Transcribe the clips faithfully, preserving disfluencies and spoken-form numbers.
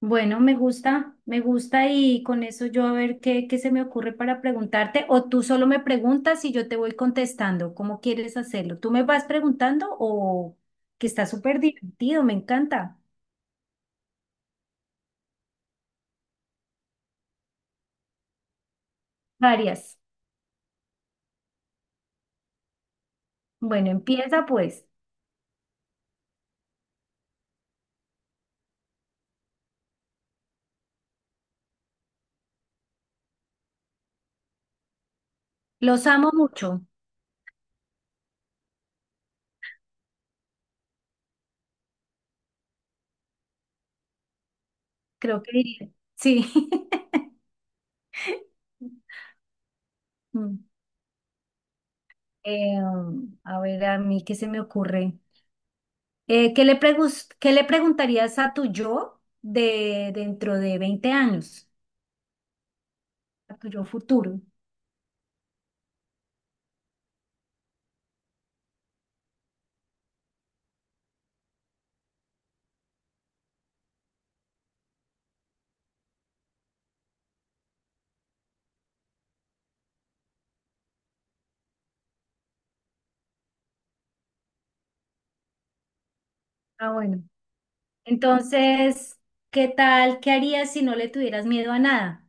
Bueno, me gusta, me gusta y con eso yo a ver qué, qué se me ocurre para preguntarte o tú solo me preguntas y yo te voy contestando. ¿Cómo quieres hacerlo? ¿Tú me vas preguntando o que está súper divertido? Me encanta. Varias. Bueno, empieza pues. Los amo mucho, creo que diría. Sí. Mm. Eh, a ver, a mí qué se me ocurre. Eh, ¿qué le pregus- qué le preguntarías a tu yo de dentro de veinte años? A tu yo futuro. Ah, bueno. Entonces, ¿qué tal? ¿Qué harías si no le tuvieras miedo a nada?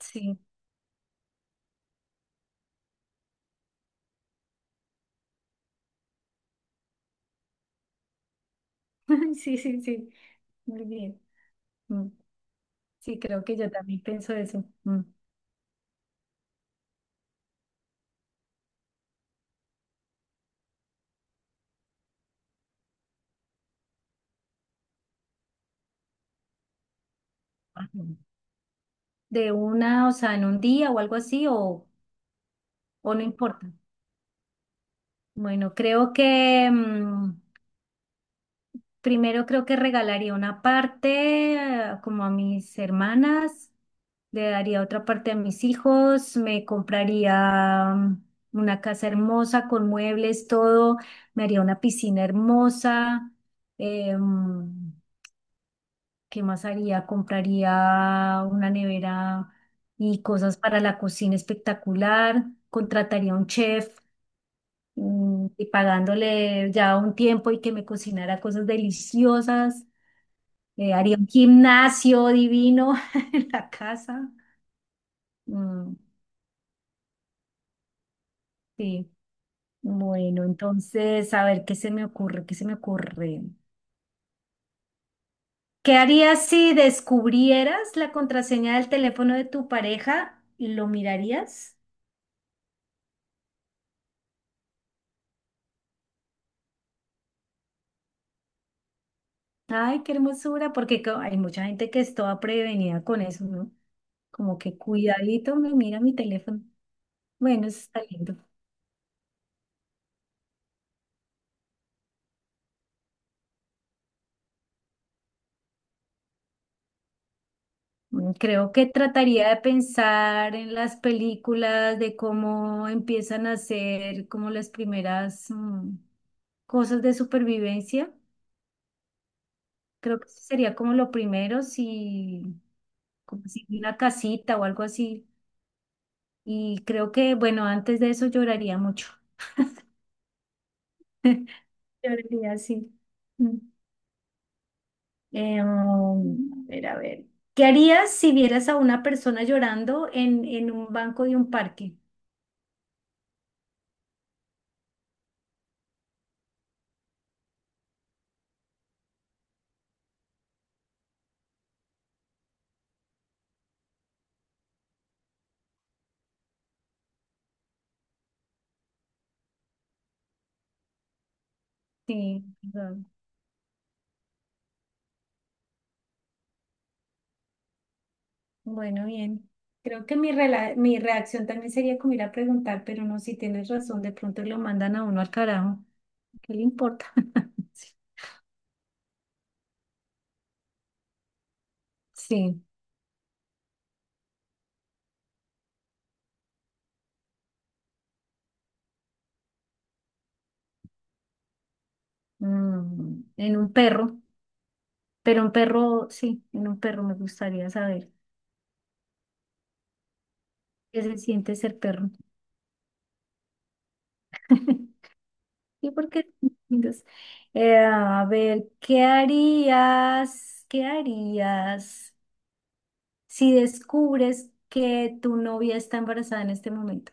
Sí, sí, sí, sí. Muy bien. Mm. Sí, creo que yo también pienso eso. Mm. Ajá. De una, o sea, en un día o algo así, o, o no importa. Bueno, creo que mm, primero creo que regalaría una parte eh, como a mis hermanas. Le daría otra parte a mis hijos, me compraría mm, una casa hermosa con muebles, todo, me haría una piscina hermosa. eh, mm, ¿Qué más haría? Compraría una nevera y cosas para la cocina espectacular. Contrataría un chef, mm, y pagándole ya un tiempo y que me cocinara cosas deliciosas. Eh, haría un gimnasio divino en la casa. Mm, sí. Bueno, entonces, a ver, ¿qué se me ocurre? ¿Qué se me ocurre? ¿Qué harías si descubrieras la contraseña del teléfono de tu pareja? ¿Lo mirarías? Ay, qué hermosura, porque co- hay mucha gente que es toda prevenida con eso, ¿no? Como que cuidadito, me mira mi teléfono. Bueno, eso está lindo. Mm, Creo que trataría de pensar en las películas, de cómo empiezan a hacer como las primeras mm, cosas de supervivencia. Creo que eso sería como lo primero, si, como si una casita o algo así. Y creo que, bueno, antes de eso lloraría mucho. Lloraría, sí. Mm. Eh, um, a ver, a ver. ¿Qué harías si vieras a una persona llorando en, en un banco de un parque? Sí, perdón. Bueno, bien. Creo que mi, rela- mi reacción también sería como ir a preguntar, pero no, si tienes razón, de pronto lo mandan a uno al carajo. ¿Qué le importa? Sí. Mm, en un perro, pero un perro, sí, en un perro me gustaría saber qué se siente ser perro. Sí, porque son lindos. Eh, a ver, ¿qué harías? ¿Qué harías si descubres que tu novia está embarazada en este momento?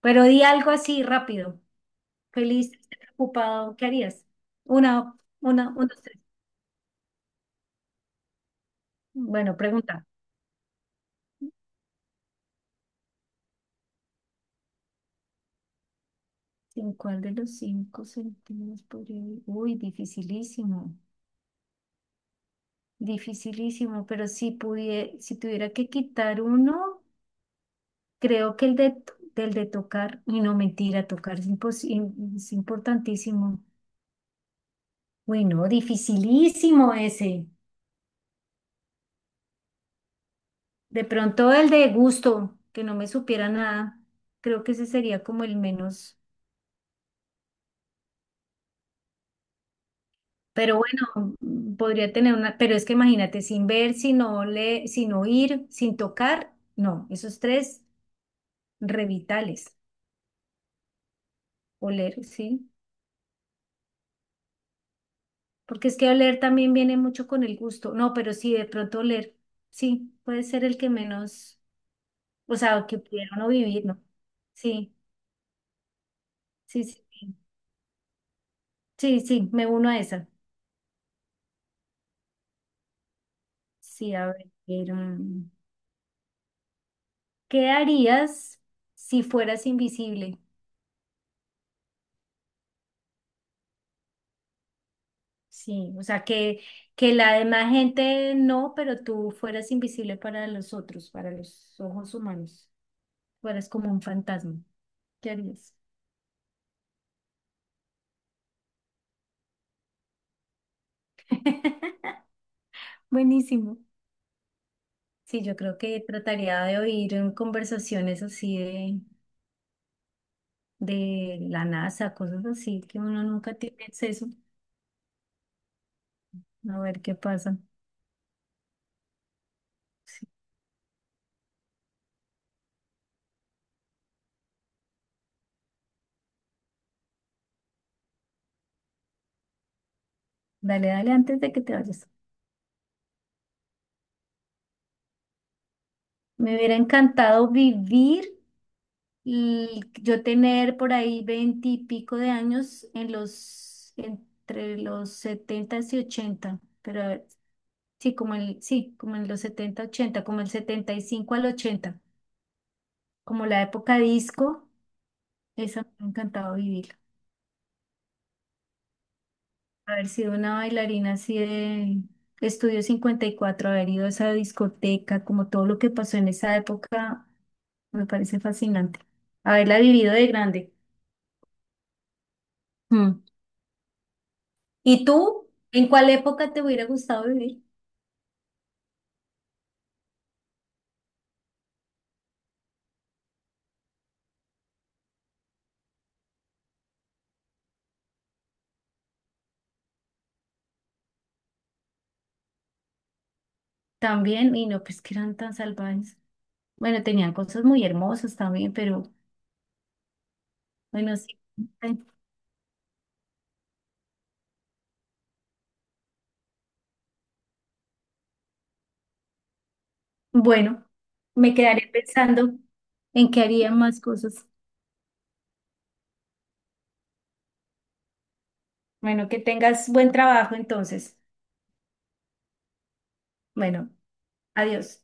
Pero di algo así rápido. Feliz, preocupado, ¿qué harías? Una, una, uno, dos, tres. Bueno, pregunta. ¿En cuál de los cinco sentidos podría vivir? Uy, dificilísimo. Dificilísimo, pero si pudie- si tuviera que quitar uno, creo que el de, t- del de tocar, y no mentira, tocar es, impos- im- es importantísimo. Uy, no, dificilísimo ese. De pronto el de gusto, que no me supiera nada, creo que ese sería como el menos. Pero bueno, mm, podría tener una, pero es que imagínate, sin ver, sin oler, sin oír, sin tocar, no, esos tres revitales, oler, sí. Porque es que oler también viene mucho con el gusto. No, pero sí, de pronto oler, sí, puede ser el que menos, o sea, que pudiera no vivir, ¿no? Sí, sí, sí, sí, sí, sí, me uno a esa. Sí, a ver, mm, ¿qué harías si fueras invisible? Sí, o sea, que, que la demás gente no, pero tú fueras invisible para los otros, para los ojos humanos, fueras como un fantasma. ¿Qué harías? Buenísimo. Sí, yo creo que trataría de oír en conversaciones así de, de la NASA, cosas así que uno nunca tiene acceso. A ver qué pasa. Sí. Dale, dale, antes de que te vayas. Me hubiera encantado vivir y yo tener por ahí veinte y pico de años en los, entre los setenta y ochenta, pero a ver, sí, como el, sí, como en los setenta, ochenta, como el setenta y cinco al ochenta, como la época disco, esa me ha encantado vivir. Haber sido una bailarina así de Estudio cincuenta y cuatro, haber ido a esa discoteca, como todo lo que pasó en esa época, me parece fascinante. Haberla vivido de grande. Mm. ¿Y tú? ¿En cuál época te hubiera gustado vivir? También, y no, pues que eran tan salvajes. Bueno, tenían cosas muy hermosas también, pero bueno, sí. Eh, Bueno, me quedaré pensando en qué haría más cosas. Bueno, que tengas buen trabajo entonces. Bueno, adiós.